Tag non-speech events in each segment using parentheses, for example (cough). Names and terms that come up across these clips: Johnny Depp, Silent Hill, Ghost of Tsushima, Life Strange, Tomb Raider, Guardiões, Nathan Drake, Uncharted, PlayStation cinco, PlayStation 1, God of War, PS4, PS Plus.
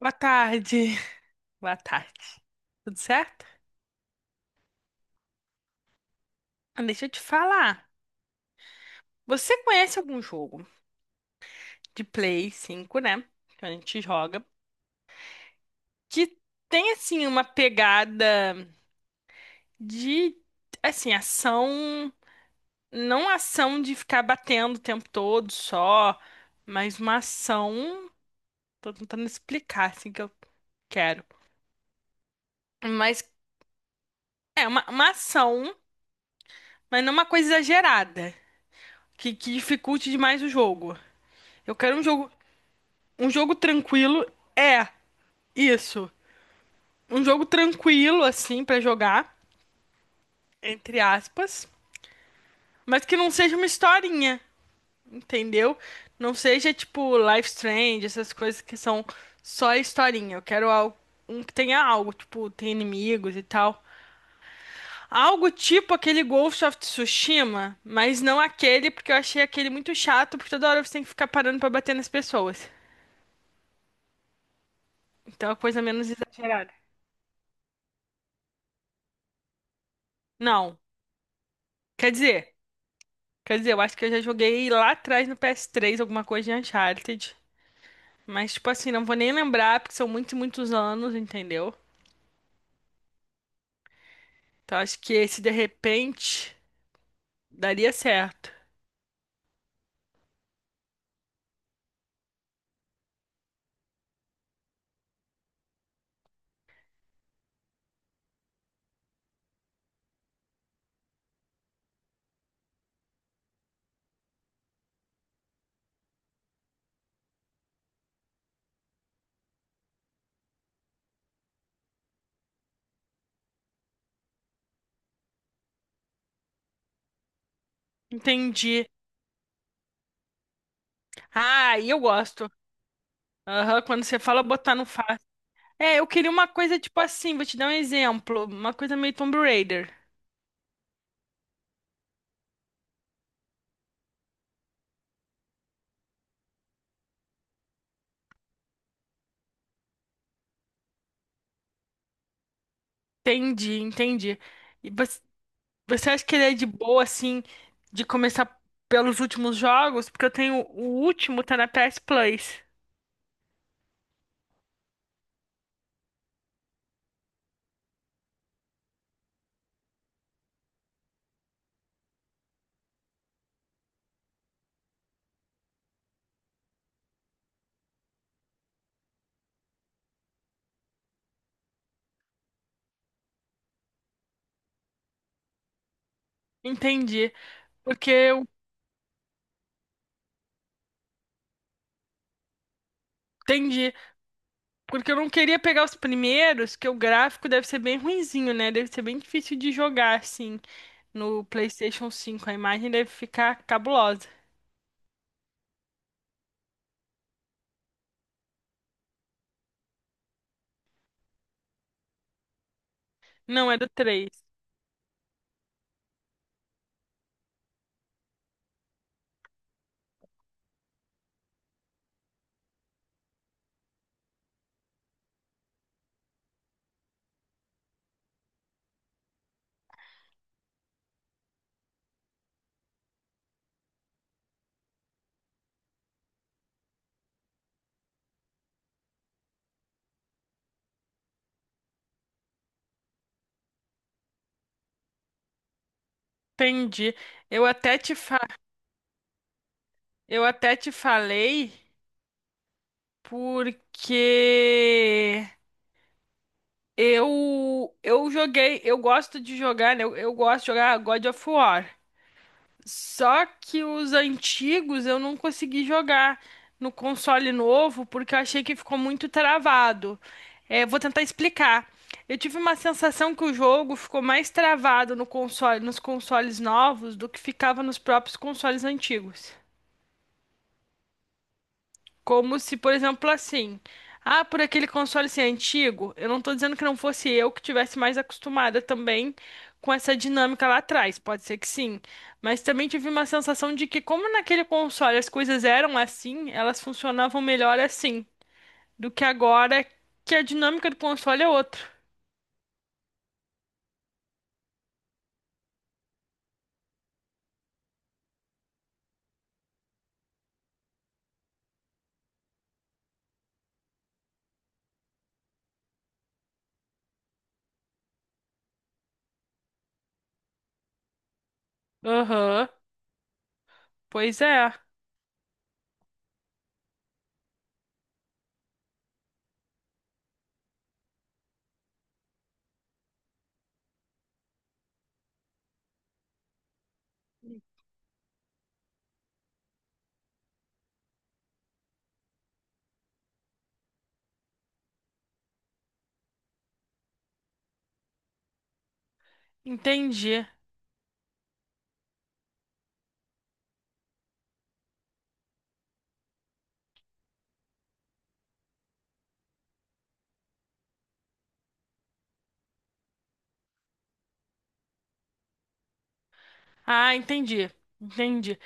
Boa tarde. Boa tarde. Tudo certo? Ah, deixa eu te falar. Você conhece algum jogo de Play 5, né? Que a gente joga, que tem assim uma pegada de assim, ação, não ação de ficar batendo o tempo todo só, mas uma ação, tô tentando explicar assim que eu quero. Mas é uma ação, mas não uma coisa exagerada, que dificulte demais o jogo. Eu quero um jogo. Um jogo tranquilo é isso. Um jogo tranquilo, assim, pra jogar, entre aspas. Mas que não seja uma historinha, entendeu? Não seja tipo Life Strange, essas coisas que são só historinha. Eu quero algo, um que tenha algo, tipo, tem inimigos e tal. Algo tipo aquele Ghost of Tsushima, mas não aquele, porque eu achei aquele muito chato, porque toda hora você tem que ficar parando pra bater nas pessoas. Então é uma coisa menos exagerada. Não. Quer dizer, Quer dizer, eu acho que eu já joguei lá atrás no PS3 alguma coisa de Uncharted. Mas, tipo assim, não vou nem lembrar, porque são muitos e muitos anos, entendeu? Então acho que esse de repente daria certo. Entendi. Ah, e eu gosto. Aham, quando você fala botar no fácil. É, eu queria uma coisa tipo assim, vou te dar um exemplo. Uma coisa meio Tomb Raider. Entendi, entendi. E você acha que ele é de boa, assim, de começar pelos últimos jogos? Porque eu tenho o último, tá na PS Plus. Entendi. Porque eu entendi. Porque eu não queria pegar os primeiros, que o gráfico deve ser bem ruinzinho, né? Deve ser bem difícil de jogar, assim, no PlayStation 5. A imagem deve ficar cabulosa. Não, é do três. Entendi. Eu até te fa... eu até te falei porque eu joguei, eu gosto de jogar, né? Eu gosto de jogar God of War. Só que os antigos eu não consegui jogar no console novo porque eu achei que ficou muito travado. É, vou tentar explicar. Eu tive uma sensação que o jogo ficou mais travado no console, nos consoles novos do que ficava nos próprios consoles antigos. Como se, por exemplo, assim, ah, por aquele console ser antigo, eu não tô dizendo que não fosse eu que tivesse mais acostumada também com essa dinâmica lá atrás, pode ser que sim, mas também tive uma sensação de que como naquele console as coisas eram assim, elas funcionavam melhor assim do que agora, que a dinâmica do console é outra. Aham, pois é, entendi. Ah, entendi. Entendi.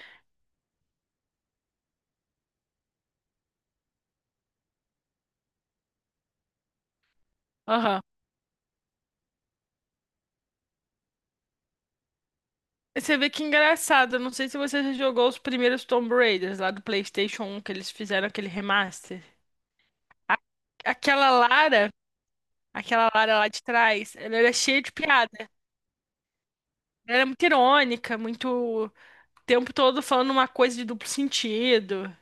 Aham. Você vê que engraçado, eu não sei se você já jogou os primeiros Tomb Raiders lá do PlayStation 1, que eles fizeram aquele remaster. A- Aquela Lara, aquela Lara, lá de trás, ela era cheia de piada. Ela era muito irônica, muito o tempo todo falando uma coisa de duplo sentido.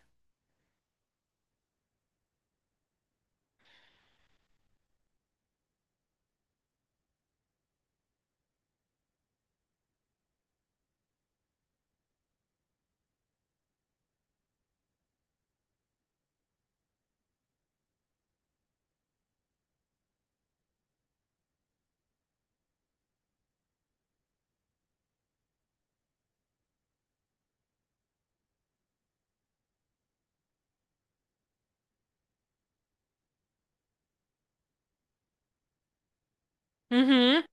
Uhum,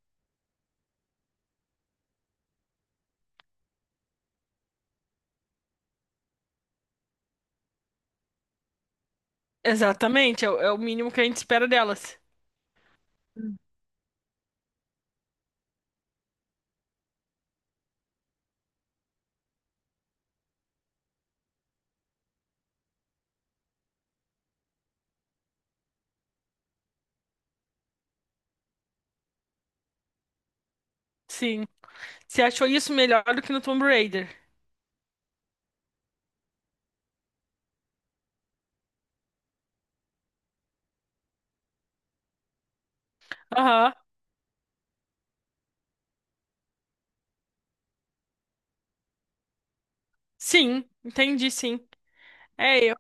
exatamente, é, o é o mínimo que a gente espera delas. Sim. Você achou isso melhor do que no Tomb Raider? Aham. Sim, entendi, sim. É, eu.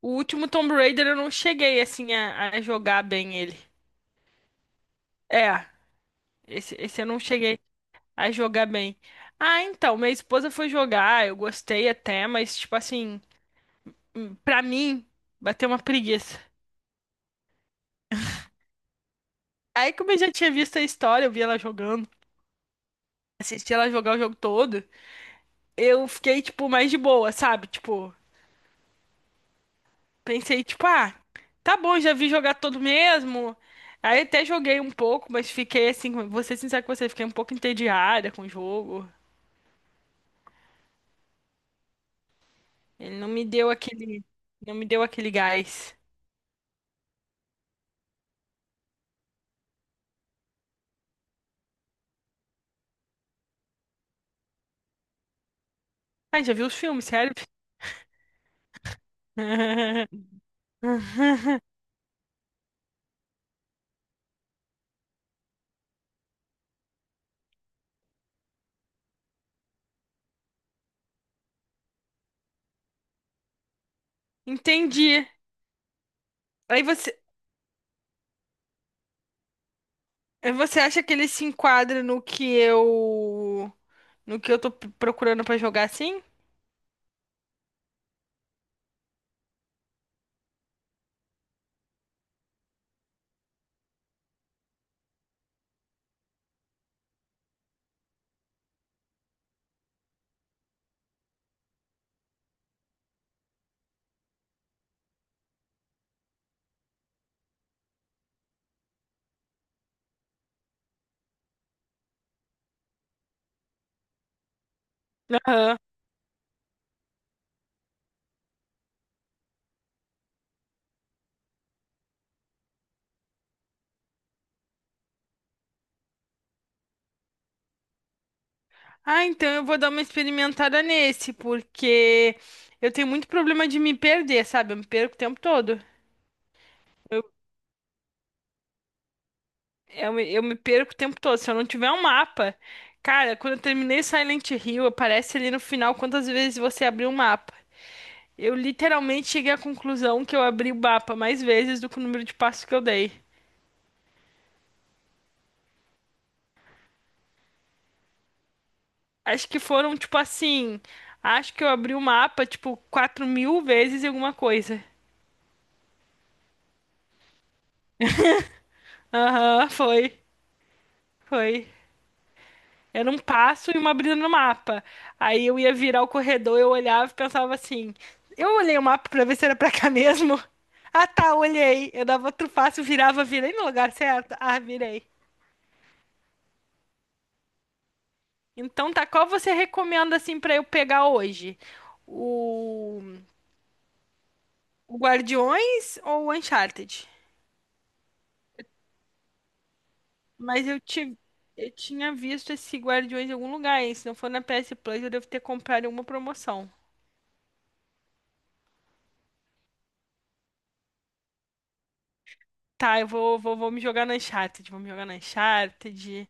O último Tomb Raider eu não cheguei assim a jogar bem ele. É, esse eu não cheguei a jogar bem. Ah, então, minha esposa foi jogar, eu gostei até, mas, tipo assim, pra mim, bateu uma preguiça. Aí, como eu já tinha visto a história, eu vi ela jogando, assisti ela jogar o jogo todo, eu fiquei, tipo, mais de boa, sabe? Tipo, pensei, tipo, ah, tá bom, já vi jogar todo mesmo. Aí até joguei um pouco, mas fiquei assim, vou ser sincera com você, fiquei um pouco entediada com o jogo. Ele não me deu aquele, não me deu aquele gás. Ai, já viu os filmes, sério? (laughs) Entendi. Aí você, aí você acha que ele se enquadra no que eu tô procurando pra jogar assim? Aham. Ah, então eu vou dar uma experimentada nesse, porque eu tenho muito problema de me perder, sabe? Eu me perco o tempo todo. Eu, eu me perco o tempo todo. Se eu não tiver um mapa. Cara, quando eu terminei Silent Hill, aparece ali no final quantas vezes você abriu o mapa. Eu literalmente cheguei à conclusão que eu abri o mapa mais vezes do que o número de passos que eu dei. Acho que foram, tipo assim. Acho que eu abri o mapa, tipo, 4.000 vezes e alguma coisa. Aham, foi. Foi. Era um passo e uma abrida no mapa. Aí eu ia virar o corredor, eu olhava e pensava assim: eu olhei o mapa pra ver se era pra cá (laughs) mesmo. Ah tá, olhei. Eu dava outro passo, virava, virei no lugar certo. Ah, virei. Então tá, qual você recomenda assim pra eu pegar hoje? O, o Guardiões ou o Uncharted? Mas eu, ti- eu tinha visto esse Guardiões em algum lugar, hein? Se não for na PS Plus, eu devo ter comprado em alguma promoção. Tá, eu vou me jogar no Uncharted,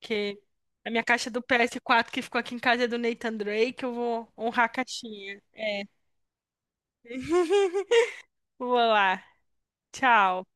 que a minha caixa do PS4 que ficou aqui em casa é do Nathan Drake, eu vou honrar a caixinha. (laughs) Vou lá. Tchau.